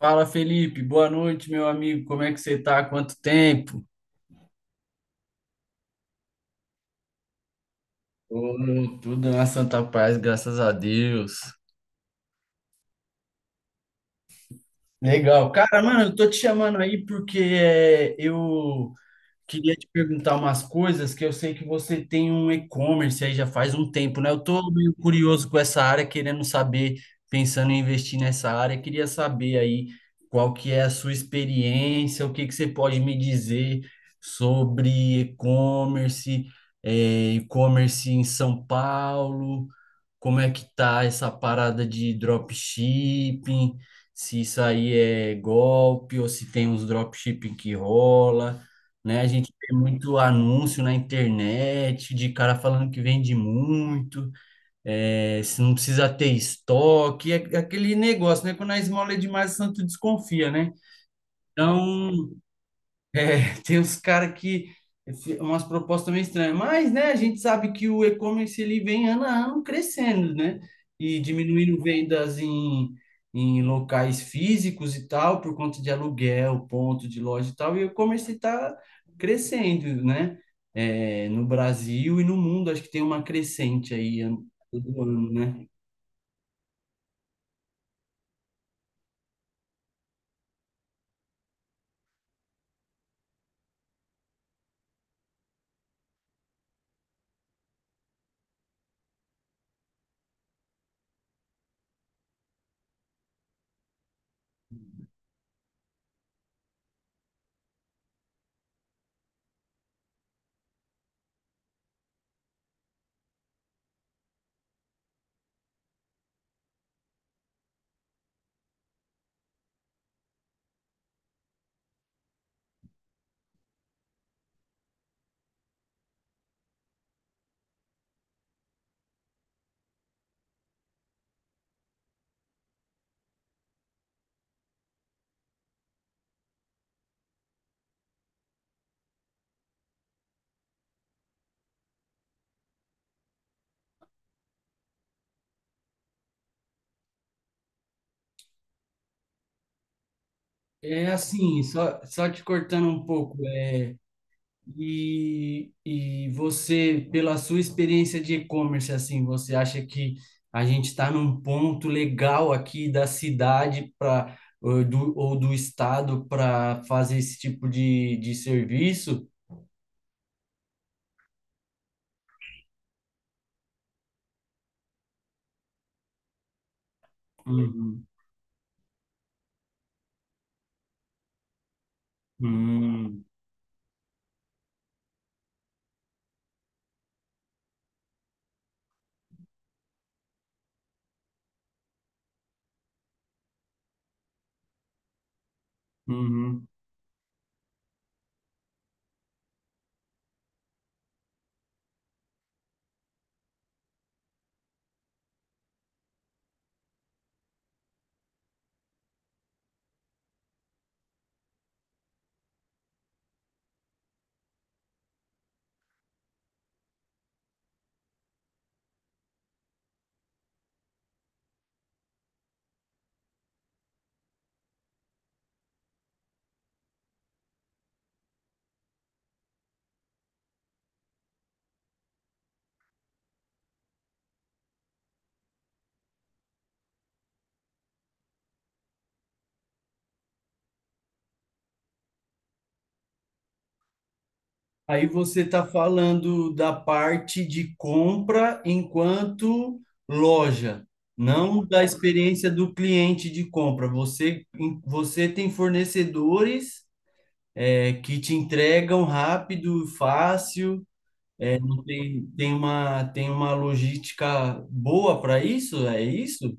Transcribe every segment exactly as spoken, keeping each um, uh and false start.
Fala, Felipe. Boa noite, meu amigo. Como é que você tá? Há quanto tempo? Ô, tudo na santa paz, graças a Deus. Legal. Cara, mano, eu tô te chamando aí porque é, eu queria te perguntar umas coisas que eu sei que você tem um e-commerce aí já faz um tempo, né? Eu tô meio curioso com essa área, querendo saber, pensando em investir nessa área. Queria saber aí qual que é a sua experiência, o que que você pode me dizer sobre e-commerce, eh, e-commerce em São Paulo. Como é que tá essa parada de dropshipping, se isso aí é golpe ou se tem uns dropshipping que rola, né? A gente tem muito anúncio na internet de cara falando que vende muito, é, se não precisa ter estoque, é aquele negócio, né? Quando a esmola é demais, o santo desconfia, né? Então, tem uns caras que umas propostas meio estranhas, mas né, a gente sabe que o e-commerce ele vem ano a ano crescendo, né? E diminuindo vendas em, em locais físicos e tal, por conta de aluguel, ponto de loja e tal, e o e-commerce está crescendo, né? É, no Brasil e no mundo, acho que tem uma crescente aí ano- todo ano, né? É assim, só, só te cortando um pouco, E, e você, pela sua experiência de e-commerce, assim, você acha que a gente está num ponto legal aqui da cidade para ou do, ou do estado para fazer esse tipo de, de serviço? Uhum, uhum, uhum. Aí você está falando da parte de compra enquanto loja, não da experiência do cliente de compra. Você, você tem fornecedores é, que te entregam rápido, fácil, é, não tem, tem uma, tem uma logística boa para isso, é isso?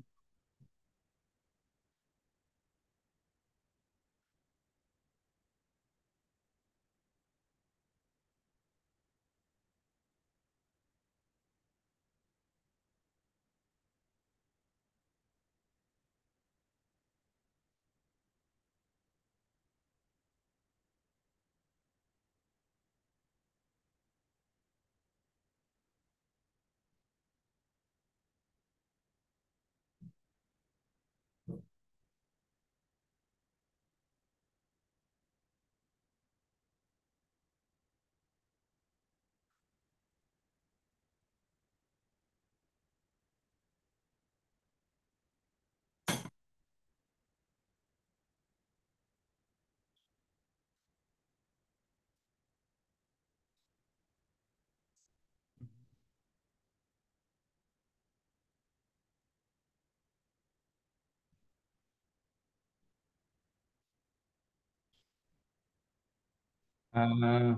Ah.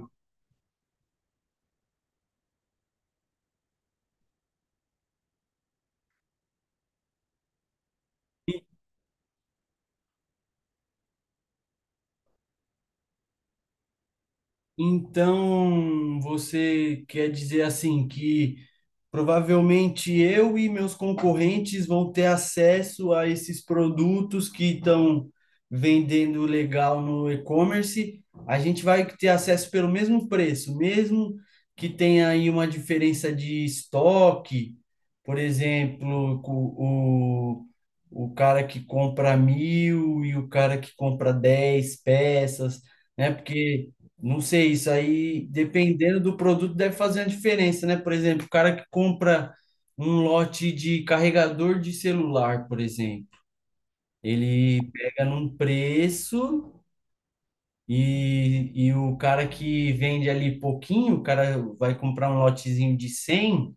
Então, você quer dizer assim que provavelmente eu e meus concorrentes vão ter acesso a esses produtos que estão vendendo legal no e-commerce. A gente vai ter acesso pelo mesmo preço, mesmo que tenha aí uma diferença de estoque, por exemplo, co- o, o cara que compra mil e o cara que compra dez peças, né? Porque não sei, isso aí, dependendo do produto, deve fazer uma diferença, né? Por exemplo, o cara que compra um lote de carregador de celular, por exemplo, ele pega num preço e, e o cara que vende ali pouquinho, o cara vai comprar um lotezinho de cem,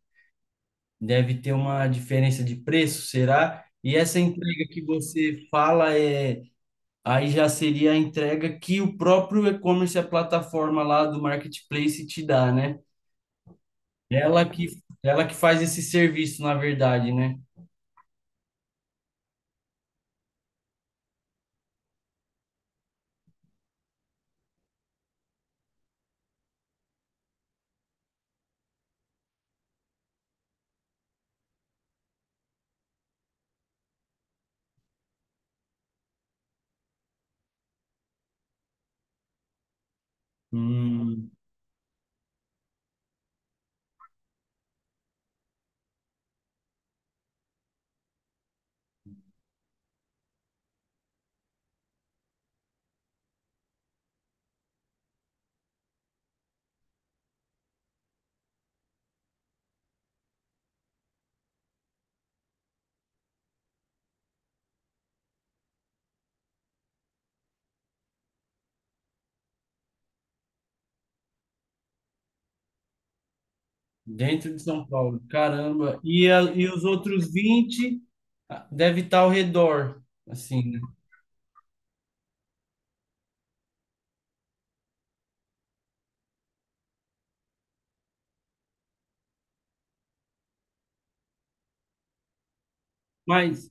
deve ter uma diferença de preço, será? E essa entrega que você fala é. Aí já seria a entrega que o próprio e-commerce, a plataforma lá do marketplace te dá, né? Ela que, ela que faz esse serviço, na verdade, né? Hum. Dentro de São Paulo, caramba. E, a, e os outros vinte? Ah, deve estar ao redor, assim, né? Mas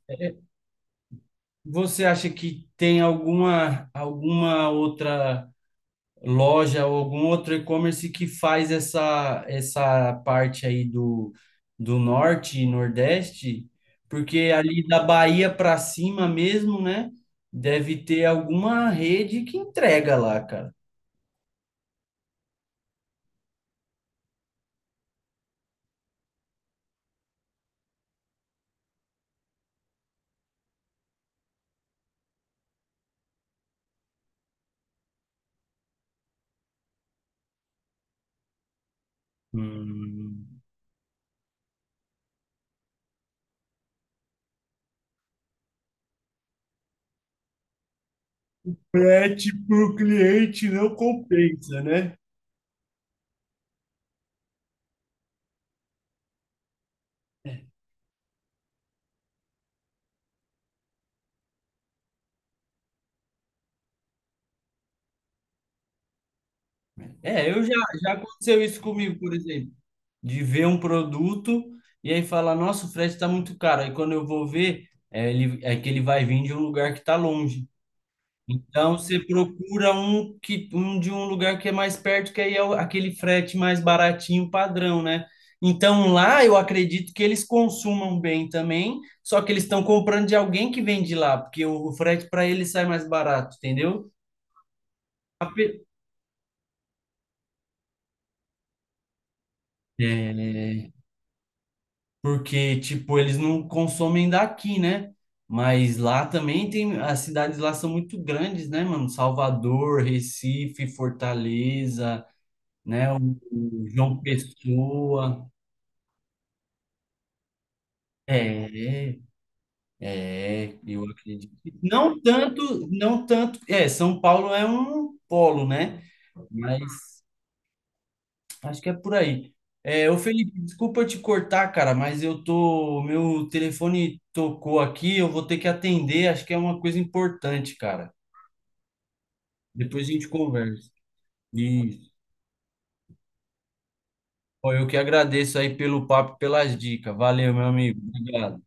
você acha que tem alguma, alguma outra loja ou algum outro e-commerce que faz essa, essa parte aí do, do norte e nordeste, porque ali da Bahia para cima mesmo, né? Deve ter alguma rede que entrega lá, cara. Hum. Frete pro cliente não compensa, né? É, eu já, já aconteceu isso comigo, por exemplo, de ver um produto e aí falar, nossa, o frete está muito caro. Aí quando eu vou ver, é, ele, é que ele vai vir de um lugar que está longe. Então você procura um que um de um lugar que é mais perto, que aí é o- aquele frete mais baratinho padrão, né? Então lá eu acredito que eles consumam bem também, só que eles estão comprando de alguém que vende lá, porque o frete para eles sai mais barato, entendeu? A pe- É, porque tipo eles não consomem daqui, né? Mas lá também tem, as cidades lá são muito grandes, né, mano? Salvador, Recife, Fortaleza, né? O o João Pessoa. É, é, eu acredito. Não tanto, não tanto. É, São Paulo é um polo, né? Mas acho que é por aí. É, ô Felipe, desculpa te cortar, cara, mas eu tô. Meu telefone tocou aqui, eu vou ter que atender, acho que é uma coisa importante, cara. Depois a gente conversa. Isso. Pô, eu que agradeço aí pelo papo, e pelas dicas. Valeu, meu amigo. Obrigado.